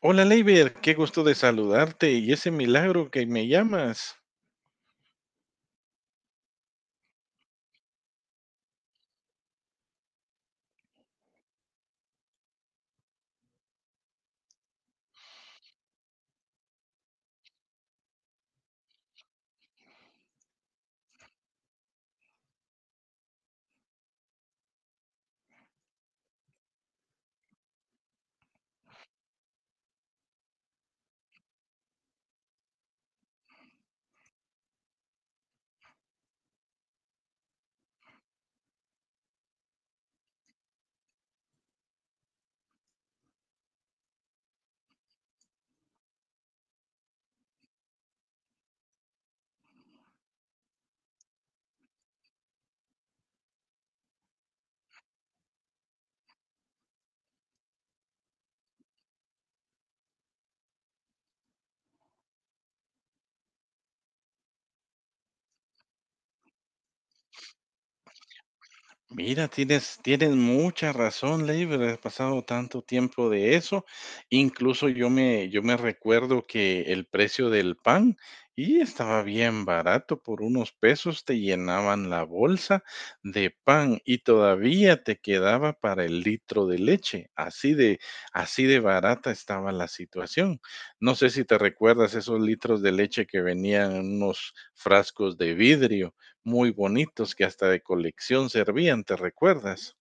Hola, Leiber, qué gusto de saludarte y ese milagro que me llamas. Mira, tienes mucha razón, Leiber, haber pasado tanto tiempo de eso. Incluso yo me recuerdo que el precio del pan y estaba bien barato, por unos pesos te llenaban la bolsa de pan y todavía te quedaba para el litro de leche. Así de barata estaba la situación. No sé si te recuerdas esos litros de leche que venían en unos frascos de vidrio muy bonitos que hasta de colección servían, ¿te recuerdas?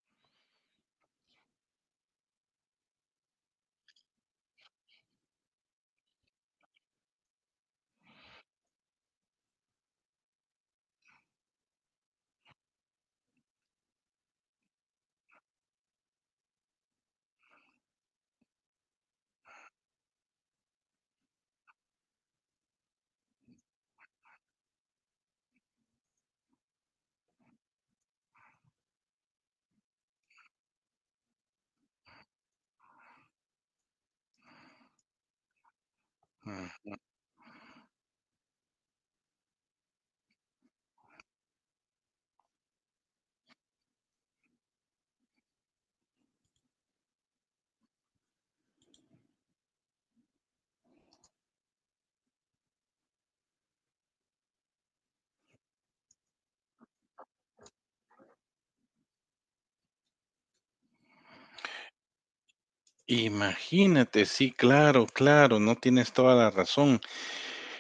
Mm. Imagínate, sí, claro, claro, no tienes toda la razón.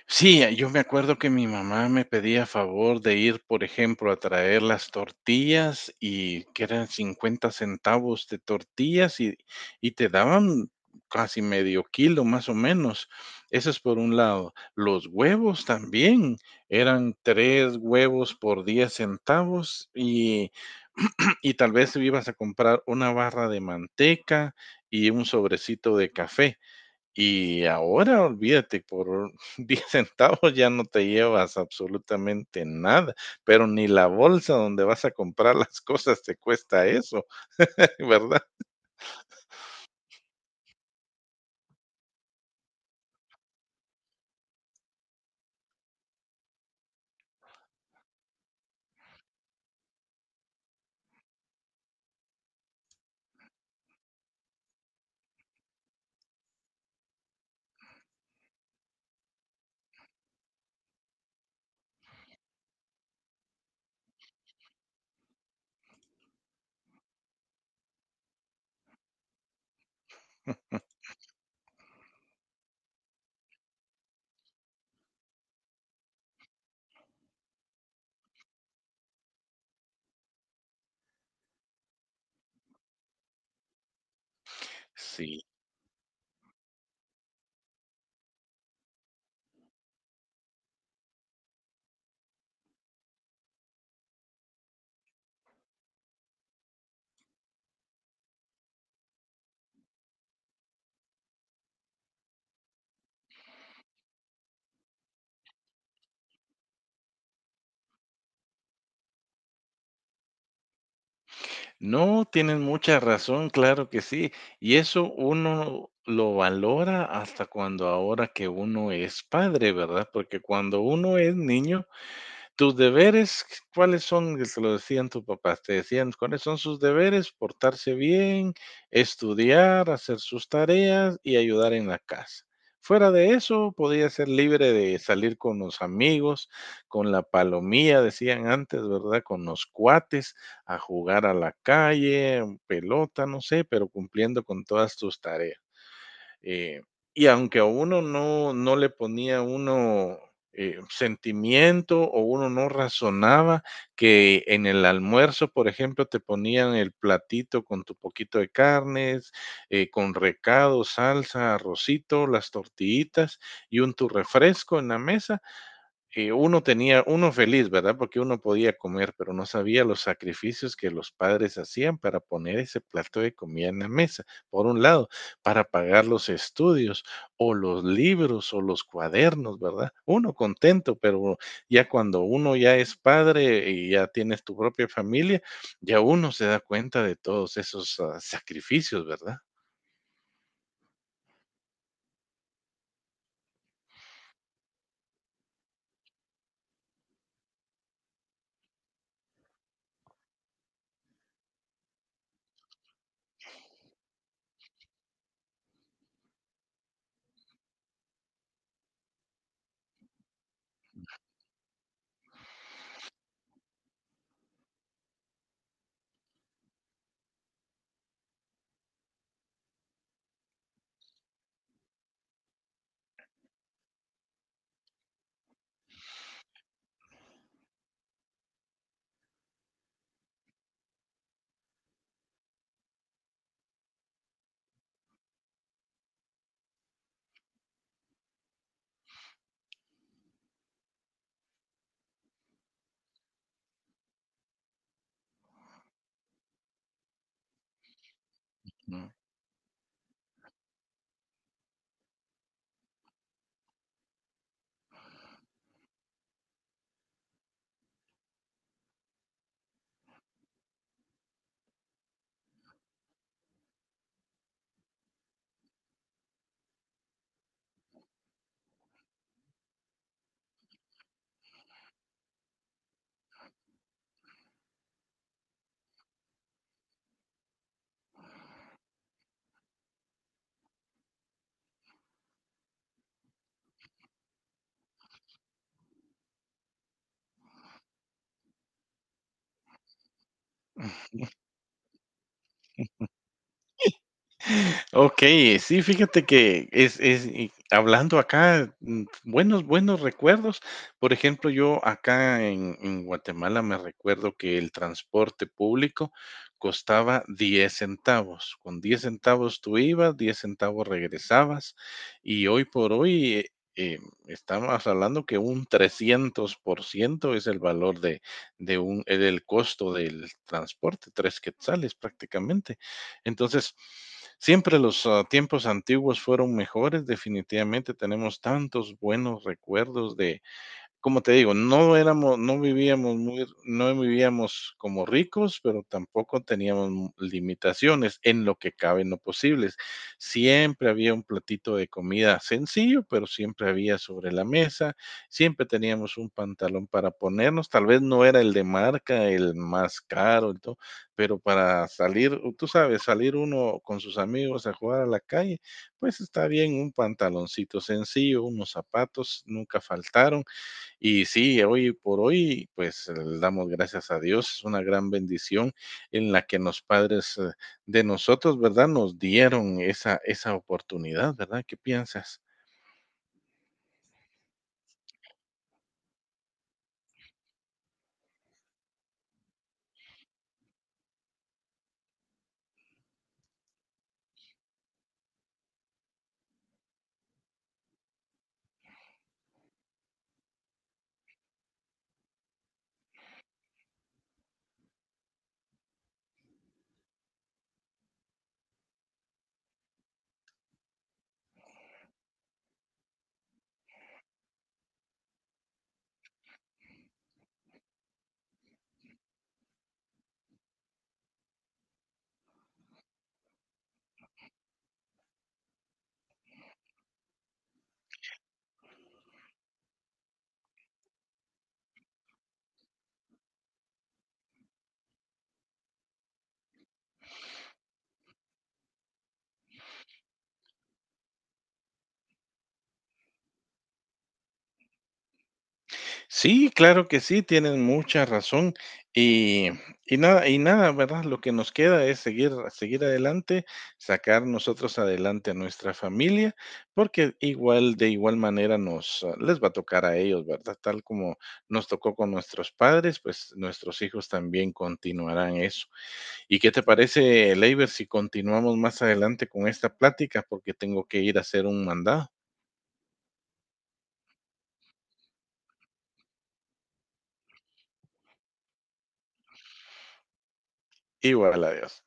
Sí, yo me acuerdo que mi mamá me pedía favor de ir, por ejemplo, a traer las tortillas y que eran 50 centavos de tortillas y te daban casi medio kilo más o menos. Eso es por un lado. Los huevos también eran 3 huevos por 10 centavos y, y tal vez ibas a comprar una barra de manteca y un sobrecito de café. Y ahora olvídate, por 10 centavos ya no te llevas absolutamente nada, pero ni la bolsa donde vas a comprar las cosas te cuesta eso, ¿verdad? Sí, no, tienen mucha razón, claro que sí. Y eso uno lo valora hasta cuando ahora que uno es padre, ¿verdad? Porque cuando uno es niño, tus deberes, ¿cuáles son? Que te lo decían tus papás, te decían, ¿cuáles son sus deberes? Portarse bien, estudiar, hacer sus tareas y ayudar en la casa. Fuera de eso, podía ser libre de salir con los amigos, con la palomía, decían antes, ¿verdad? Con los cuates, a jugar a la calle, pelota, no sé, pero cumpliendo con todas tus tareas. Eh, y aunque a uno no le ponía uno sentimiento o uno no razonaba que en el almuerzo, por ejemplo, te ponían el platito con tu poquito de carnes, con recado, salsa, arrocito, las tortillitas y un tu refresco en la mesa uno tenía, uno feliz, ¿verdad? Porque uno podía comer, pero no sabía los sacrificios que los padres hacían para poner ese plato de comida en la mesa, por un lado, para pagar los estudios o los libros o los cuadernos, ¿verdad? Uno contento, pero ya cuando uno ya es padre y ya tienes tu propia familia, ya uno se da cuenta de todos esos sacrificios, ¿verdad? Mm. Ok, sí, fíjate que es y hablando acá, mm, buenos recuerdos. Por ejemplo, yo acá en Guatemala me recuerdo que el transporte público costaba 10 centavos. Con 10 centavos tú ibas, 10 centavos regresabas, y hoy por hoy, em, estamos hablando que un 300% es el valor de un del costo del transporte, 3 quetzales prácticamente. Entonces, siempre los tiempos antiguos fueron mejores, definitivamente tenemos tantos buenos recuerdos de como te digo, no éramos, no vivíamos muy, no vivíamos como ricos, pero tampoco teníamos limitaciones en lo que cabe en lo posibles. Siempre había un platito de comida sencillo, pero siempre había sobre la mesa, siempre teníamos un pantalón para ponernos, tal vez no era el de marca, el más caro, el to- pero para salir, tú sabes, salir uno con sus amigos a jugar a la calle, pues está bien un pantaloncito sencillo, unos zapatos, nunca faltaron y sí, hoy por hoy, pues le damos gracias a Dios. Es una gran bendición en la que los padres de nosotros, ¿verdad? Nos dieron esa, esa oportunidad, ¿verdad? ¿Qué piensas? Sí, claro que sí, tienen mucha razón. Y, y nada, ¿verdad? Lo que nos queda es seguir, seguir adelante, sacar nosotros adelante a nuestra familia, porque igual, de igual manera nos les va a tocar a ellos, ¿verdad? Tal como nos tocó con nuestros padres, pues nuestros hijos también continuarán eso. ¿Y qué te parece, Leiber, si continuamos más adelante con esta plática? Porque tengo que ir a hacer un mandado. Igual, adiós.